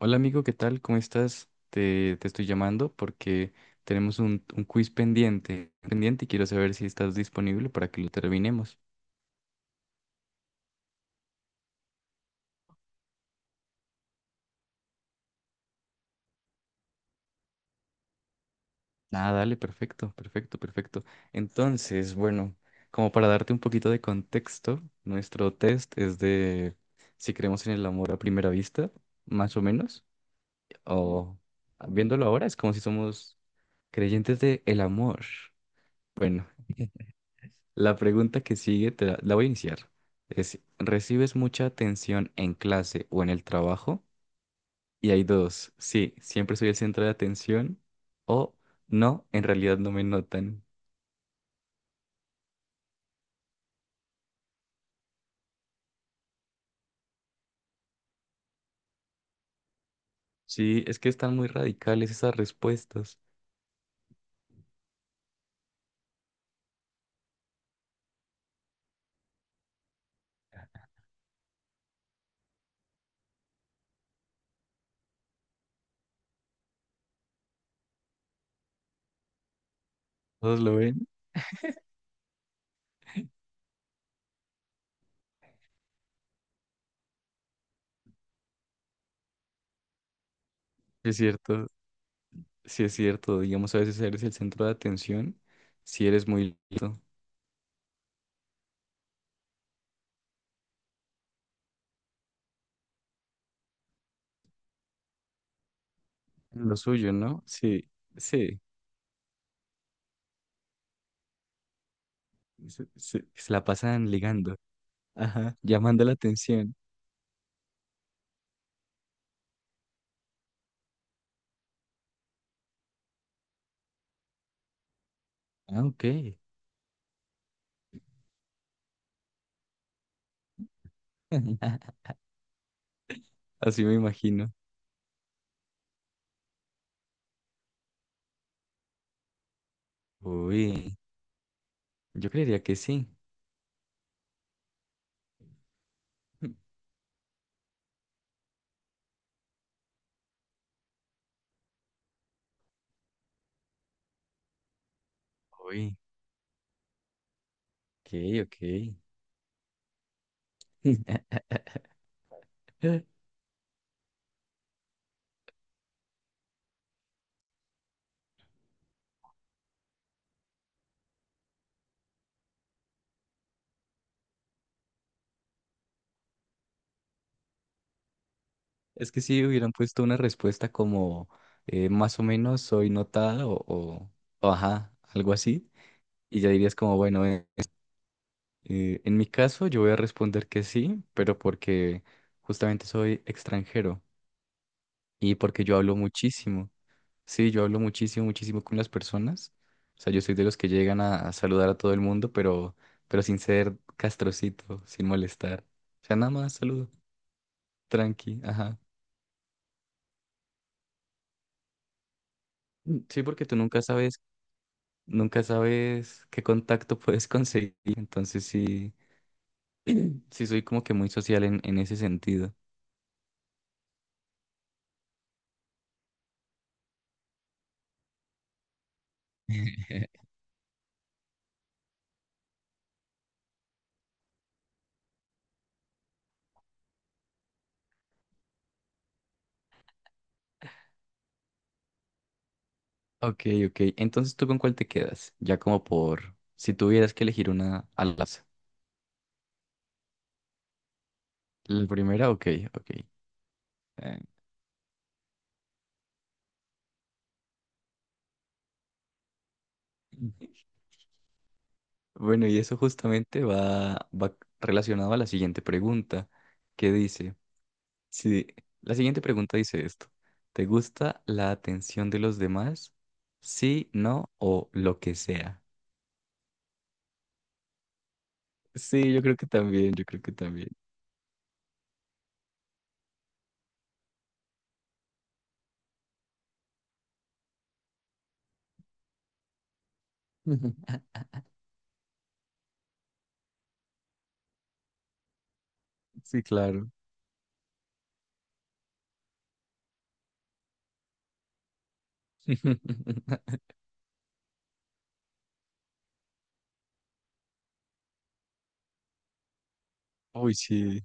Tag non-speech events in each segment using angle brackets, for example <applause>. Hola amigo, ¿qué tal? ¿Cómo estás? Te estoy llamando porque tenemos un quiz pendiente, pendiente y quiero saber si estás disponible para que lo terminemos. Ah, dale, perfecto, perfecto, perfecto. Entonces, bueno, como para darte un poquito de contexto, nuestro test es de si creemos en el amor a primera vista, más o menos, o viéndolo ahora es como si somos creyentes de el amor. Bueno. La pregunta que sigue te la voy a iniciar. Es, ¿recibes mucha atención en clase o en el trabajo? Y hay dos. Sí, siempre soy el centro de atención. O no, en realidad no me notan. Sí, es que están muy radicales esas respuestas. ¿Todos lo ven? Sí, es cierto. Sí, es cierto. Digamos, a veces eres el centro de atención si eres muy listo. Lo suyo, ¿no? Sí, sí. Se la pasan ligando. Ajá. Llamando la atención. Ah, ok. <laughs> Así me imagino. Uy, yo creería que sí. <laughs> Uy, ok, ok. <laughs> Es que si hubieran puesto una respuesta como más o menos soy notada o ajá, algo así, y ya dirías como, bueno, en mi caso yo voy a responder que sí, pero porque justamente soy extranjero y porque yo hablo muchísimo. Sí, yo hablo muchísimo, muchísimo con las personas. O sea, yo soy de los que llegan a saludar a todo el mundo, pero sin ser castrocito, sin molestar. O sea, nada más saludo, tranqui, ajá. Sí, porque tú nunca sabes, nunca sabes qué contacto <laughs> puedes conseguir. Entonces sí, sí soy como que muy social en ese sentido. <laughs> Ok, ok. Entonces, ¿tú con cuál te quedas? Ya como por, si tuvieras que elegir una al azar. La primera, ok, ok. Eh, Bueno, y eso justamente va relacionado a la siguiente pregunta, que dice, si la siguiente pregunta dice esto, ¿te gusta la atención de los demás? Sí, no o lo que sea. Sí, yo creo que también, yo creo que también. <laughs> Sí, claro. <laughs> Uy, sí.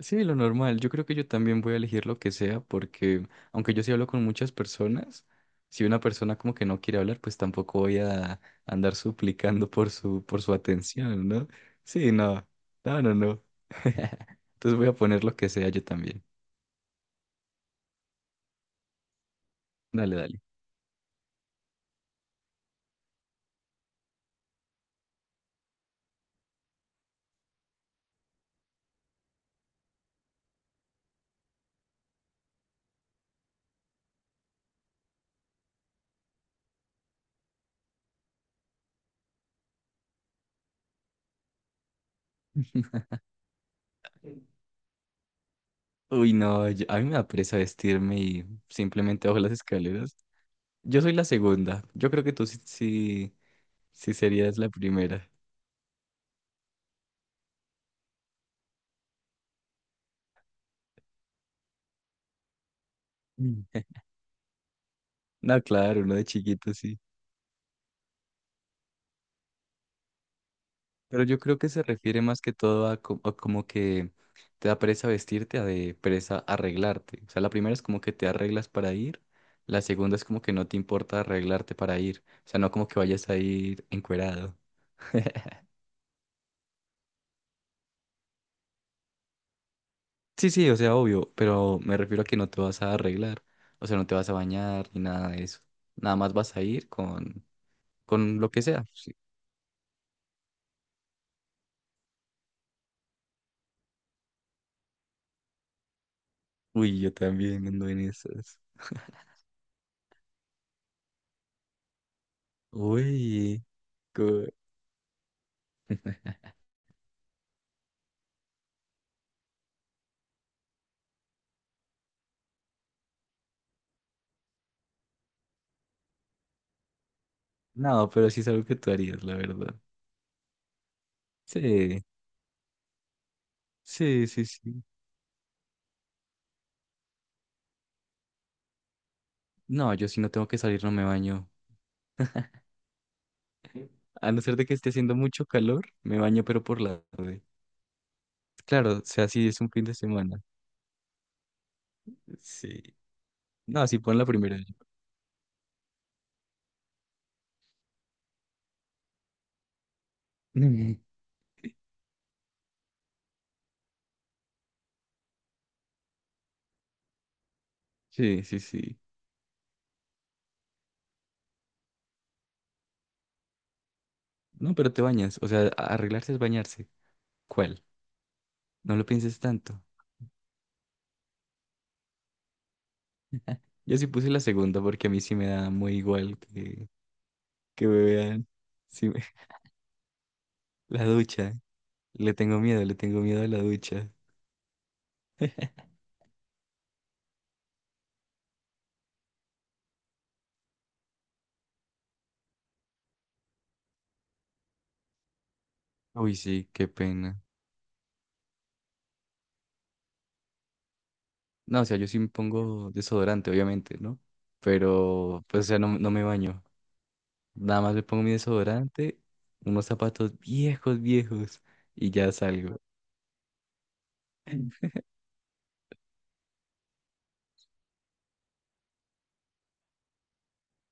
Sí, lo normal. Yo creo que yo también voy a elegir lo que sea porque, aunque yo sí hablo con muchas personas, si una persona como que no quiere hablar, pues tampoco voy a andar suplicando por su atención, ¿no? Sí, no. No, no, no. <laughs> Entonces voy a poner lo que sea yo también. Dale, dale. Uy, no, a mí me da pereza vestirme y simplemente bajo las escaleras. Yo soy la segunda. Yo creo que tú sí serías la primera. Mm. <laughs> No, claro, uno de chiquito, sí. Pero yo creo que se refiere más que todo a, a como que te da pereza vestirte, a de pereza arreglarte. O sea, la primera es como que te arreglas para ir, la segunda es como que no te importa arreglarte para ir. O sea, no como que vayas a ir encuerado. <laughs> Sí, sí, o sea, obvio, pero me refiero a que no te vas a arreglar, o sea, no te vas a bañar ni nada de eso. Nada más vas a ir con lo que sea. Sí. Uy, yo también ando en esas. Uy, co- no, pero sí es algo que tú harías, la verdad. Sí. Sí, sí, sí. No, yo si no tengo que salir no me baño. A no ser de que esté haciendo mucho calor, me baño pero por la tarde. Claro, o sea, sí es un fin de semana. Sí. No, sí pon la primera. <laughs> Sí, sí, sí. No, pero te bañas. O sea, arreglarse es bañarse. ¿Cuál? No lo pienses tanto. Yo sí puse la segunda porque a mí sí me da muy igual que me vean. Sí, me- <laughs> La ducha. Le tengo miedo a la ducha. <laughs> Uy, sí, qué pena. No, o sea, yo sí me pongo desodorante, obviamente, ¿no? Pero, pues, o sea, no, no me baño. Nada más me pongo mi desodorante, unos zapatos viejos, viejos, y ya salgo.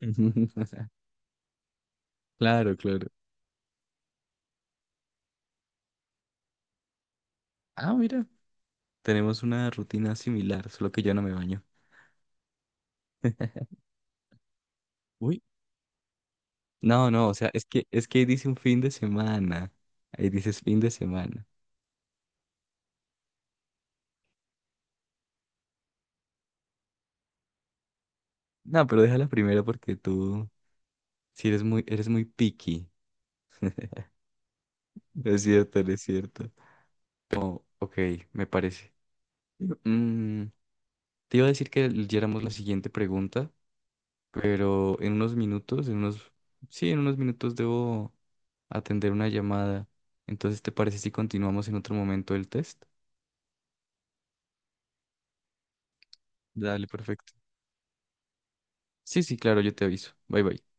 <laughs> Claro, claro. Ah, mira, tenemos una rutina similar, solo que yo no me baño. Uy, no, no, o sea, es que ahí dice un fin de semana. Ahí dices fin de semana. No, pero déjala primero porque tú sí eres muy picky. No es cierto, no es cierto. Oh, ok, me parece. Mm, te iba a decir que leyéramos la siguiente pregunta, pero en unos minutos, en unos, sí, en unos minutos debo atender una llamada. Entonces, ¿te parece si continuamos en otro momento el test? Dale, perfecto. Sí, sí, claro, yo te aviso. Bye, bye.